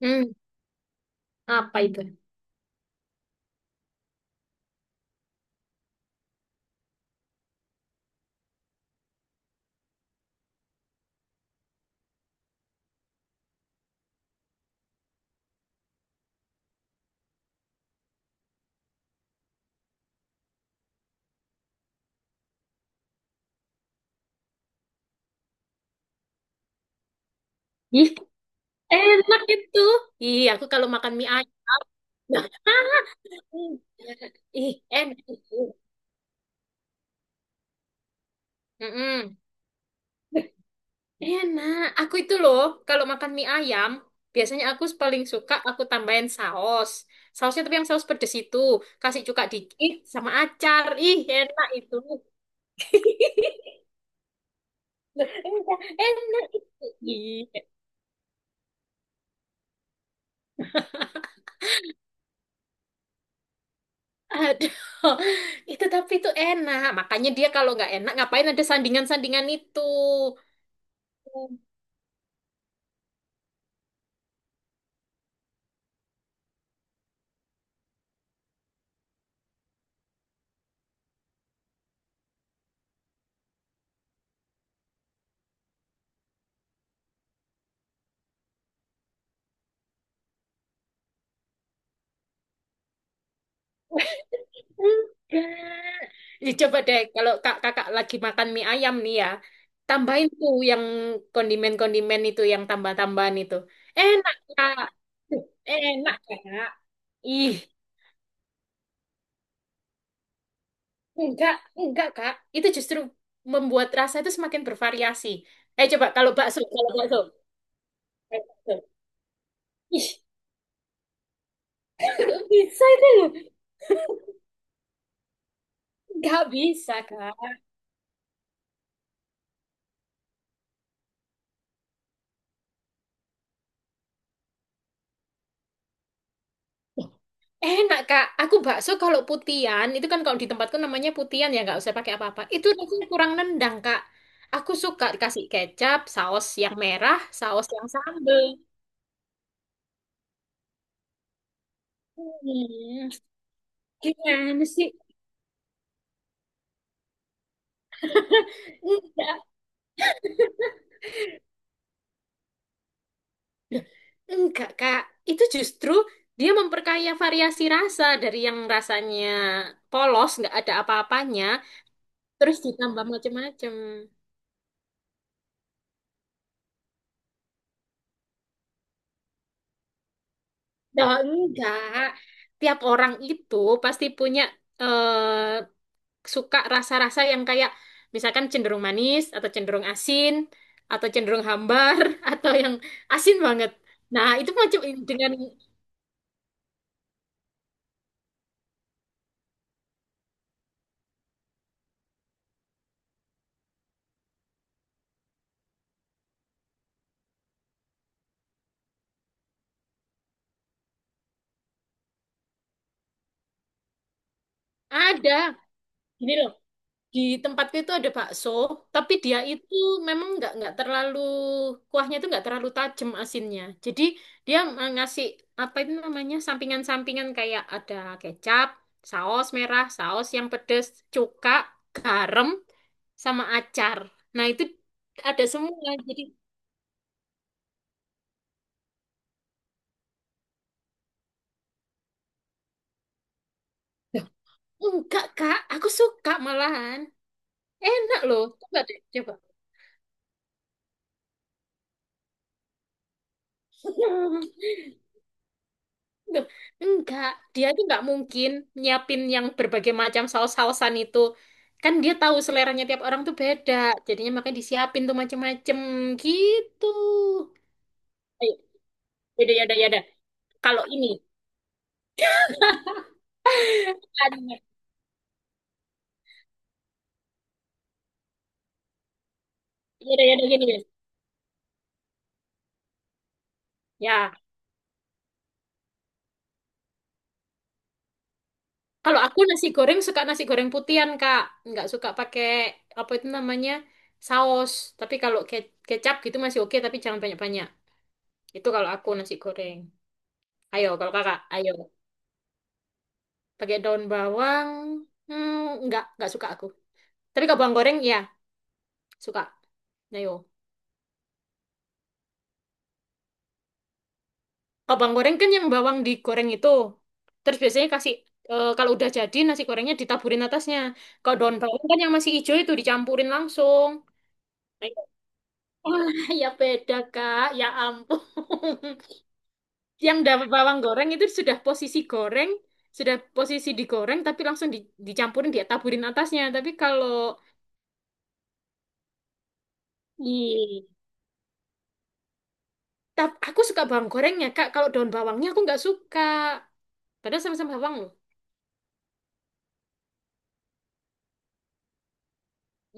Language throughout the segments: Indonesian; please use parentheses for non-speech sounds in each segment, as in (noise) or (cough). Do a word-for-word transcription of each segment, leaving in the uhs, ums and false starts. Hmm, apa itu? Ih, enak itu. Ih, aku kalau makan mie ayam. Nah, ih, ih, enak itu. Mm-mm. Enak. Aku itu loh, kalau makan mie ayam, biasanya aku paling suka aku tambahin saus. Sausnya tapi yang saus pedes itu. Kasih cuka dikit sama acar. Ih, enak itu. (laughs) Loh, Enak, enak itu. Ih, aduh. Itu tapi itu enak. Makanya dia kalau nggak enak, ngapain ada sandingan-sandingan itu. (laughs) Enggak. Ya, coba deh, kalau kak kakak lagi makan mie ayam nih ya, tambahin tuh yang kondimen-kondimen itu, yang tambah-tambahan itu. Enak, Kak. Duh, Enak, Kak. Ih, enggak, enggak, Kak. Itu justru membuat rasa itu semakin bervariasi. Eh, coba kalau bakso, kalau bakso. Kalau Bakso. Ih, (laughs) nggak bisa itu loh. Nggak bisa, Kak. Enak, Kak. Aku bakso kalau putian, itu kan kalau di tempatku namanya putian ya, nggak usah pakai apa-apa. Itu rasanya kurang nendang, Kak. Aku suka dikasih kecap, saus yang merah, saus yang sambel. Hmm, gimana sih? Enggak. Loh, Enggak, Kak. Itu justru dia memperkaya variasi rasa dari yang rasanya polos, nggak ada apa-apanya, terus ditambah macam-macam. Nah, enggak. Tiap orang itu pasti punya eh, suka rasa-rasa yang kayak misalkan cenderung manis atau cenderung asin atau cenderung hambar (laughs) atau yang asin banget. Nah, itu macam dengan ada gini loh. Di tempatku itu ada bakso, tapi dia itu memang nggak nggak terlalu kuahnya itu nggak terlalu tajam asinnya. Jadi dia ngasih apa itu namanya sampingan-sampingan kayak ada kecap, saus merah, saus yang pedes, cuka, garam, sama acar. Nah, itu ada semua. Jadi. Loh, enggak, Kak. Aku suka malahan. Enak loh. Coba deh, coba. (laughs) Loh, enggak. Dia itu enggak mungkin nyiapin yang berbagai macam saus-sausan itu. Kan dia tahu seleranya tiap orang tuh beda. Jadinya makanya disiapin tuh macem-macem gitu. Ayo, yaudah, yaudah, yaudah. Kalau ini, kan, yaudah, yaudah, gini, Mas. Ya, Kalau aku nasi goreng suka nasi goreng putihan, Kak. Nggak suka pakai apa itu namanya saus. Tapi kalau ke- kecap gitu masih oke, tapi jangan banyak-banyak. Itu kalau aku nasi goreng. Ayo, kalau kakak, ayo. Pakai daun bawang, hmm, nggak, nggak suka aku. Tapi kalau bawang goreng, ya suka. Ayo. Kalau bawang goreng kan yang bawang digoreng itu. Terus biasanya kasih, eh, kalau udah jadi nasi gorengnya ditaburin atasnya. Kalau daun bawang kan yang masih hijau itu dicampurin langsung. (laughs) Wah, ya beda, Kak. Ya ampun. (laughs) Yang dapat bawang goreng itu sudah posisi goreng, sudah posisi digoreng, tapi langsung di- dicampurin, dia taburin atasnya. Tapi kalau... Ih, tap- aku suka bawang gorengnya, Kak. Kalau daun bawangnya aku nggak suka. Padahal sama-sama bawang loh.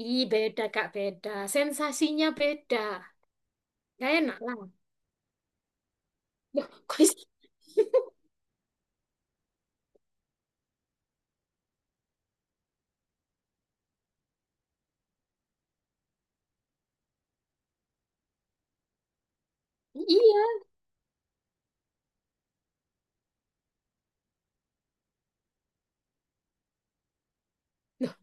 Ih, beda, Kak. Beda. Sensasinya beda. Gak enak lah. Loh, kok bisa? (laughs) Iya. Loh,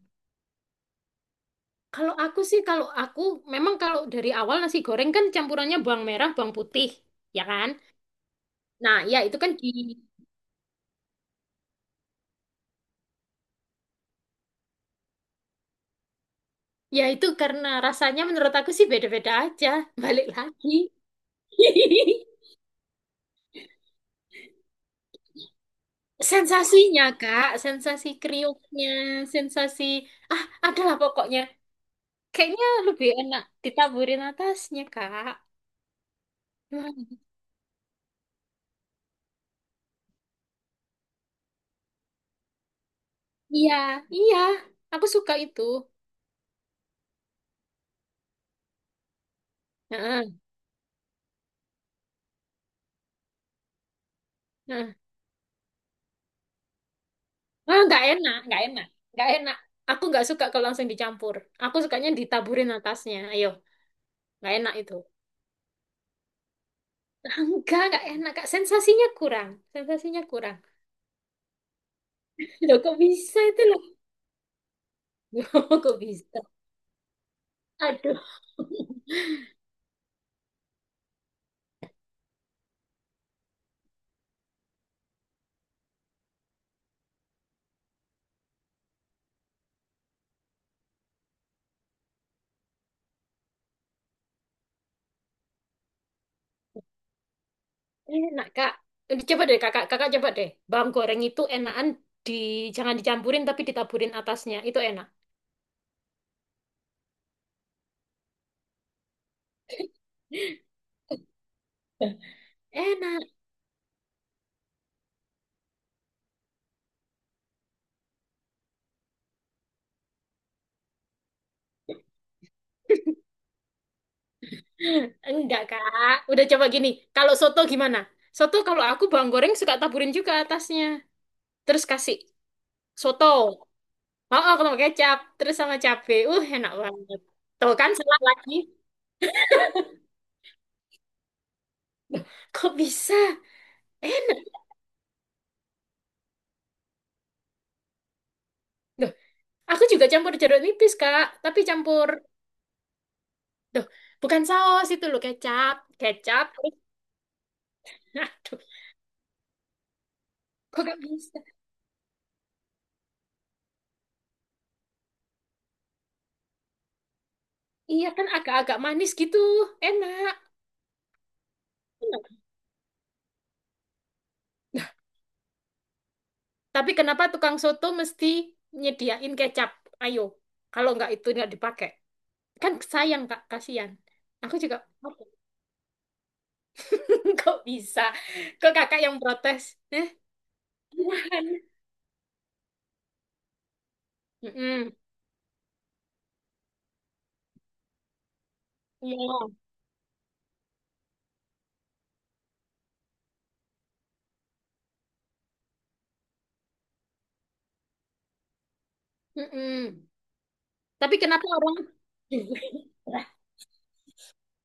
kalau aku sih, kalau aku... Memang kalau dari awal nasi goreng kan campurannya bawang merah, bawang putih. Ya kan? Nah, ya itu kan di, ya itu karena rasanya menurut aku sih beda-beda aja. Balik lagi. (laughs) Sensasinya, Kak, sensasi kriuknya, sensasi, ah, adalah pokoknya. Kayaknya lebih enak ditaburin atasnya, Kak. Wah, Iya, iya, aku suka itu. Heeh, heeh. Ah, nggak enak, nggak enak, nggak enak. Aku nggak suka kalau langsung dicampur. Aku sukanya ditaburin atasnya. Ayo, nggak enak itu. Enggak, enggak enak, Kak. Sensasinya kurang. Sensasinya kurang. Loh, kok bisa itu loh? (laughs) Loh, kok bisa? Aduh, enak, Kak. Eh, Coba deh, Kakak. Kakak coba deh. Bawang goreng itu enakan di jangan dicampurin tapi ditaburin atasnya. Itu enak. Enak. Enggak, Kak. Udah coba gini. Kalau soto gimana? Soto kalau aku bawang goreng suka taburin juga atasnya. Terus kasih soto. Oh, oh, kalau kecap. Terus sama cabe. Uh, enak banget. Tuh kan salah lagi. Loh, Kok bisa? Duh, aku juga campur jeruk nipis, Kak. Tapi campur, duh, bukan saus itu loh, kecap. Kecap. (laughs) Aduh, kok gak bisa? Iya kan agak-agak manis gitu. Enak. Enak. Nah, tapi kenapa tukang soto mesti nyediain kecap? Ayo, kalau nggak itu nggak dipakai. Kan sayang, Kak. Kasihan. Aku juga, (laughs) kok bisa? Kok kakak yang protes? Eh, (laughs) Mm-mm. Iya. Mm-mm. Tapi kenapa orang... (laughs)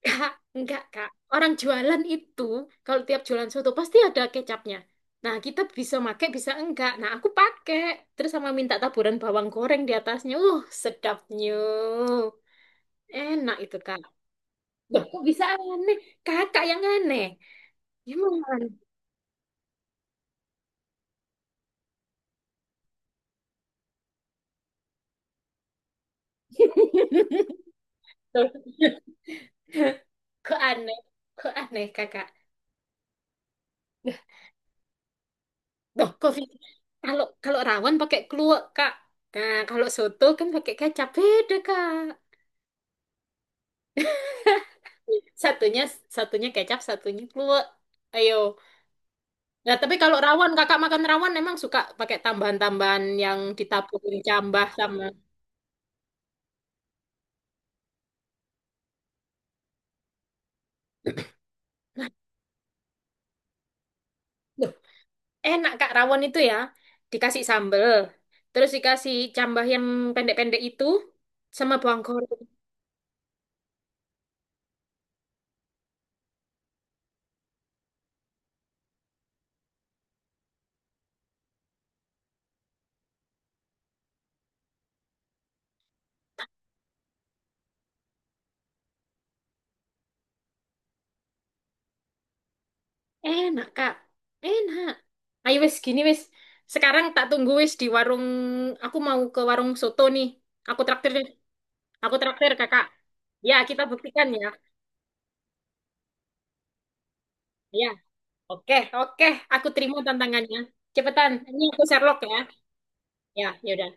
Kak, enggak Kak. Orang jualan itu kalau tiap jualan soto pasti ada kecapnya. Nah, kita bisa pakai bisa enggak. Nah, aku pakai terus sama minta taburan bawang goreng di atasnya. Uh, sedapnya. Enak itu, Kak. Loh, kok bisa aneh? Kakak yang aneh. Gimana? (laughs) Kok aneh? Kok aneh, Kakak? Nah, Loh, kok bisa? Kalau kalau rawon pakai kluwek, Kak. Nah, kalau soto kan pakai kecap beda, Kak. (laughs) Satunya satunya kecap, satunya kluwek. Ayo. Nah, tapi kalau rawon, kakak makan rawon emang suka pakai tambahan-tambahan yang ditaburin cambah sama. Loh, enak kak rawon itu ya. Dikasih sambel, terus dikasih cambah yang pendek-pendek itu sama bawang goreng. Enak kak, enak. Ayo wes gini wes. Sekarang tak tunggu wes di warung. Aku mau ke warung soto nih. Aku traktir Aku traktir kakak. Ya, kita buktikan ya. Ya. Oke, oke, aku terima tantangannya. Cepetan, ini aku Sherlock ya. Ya, ya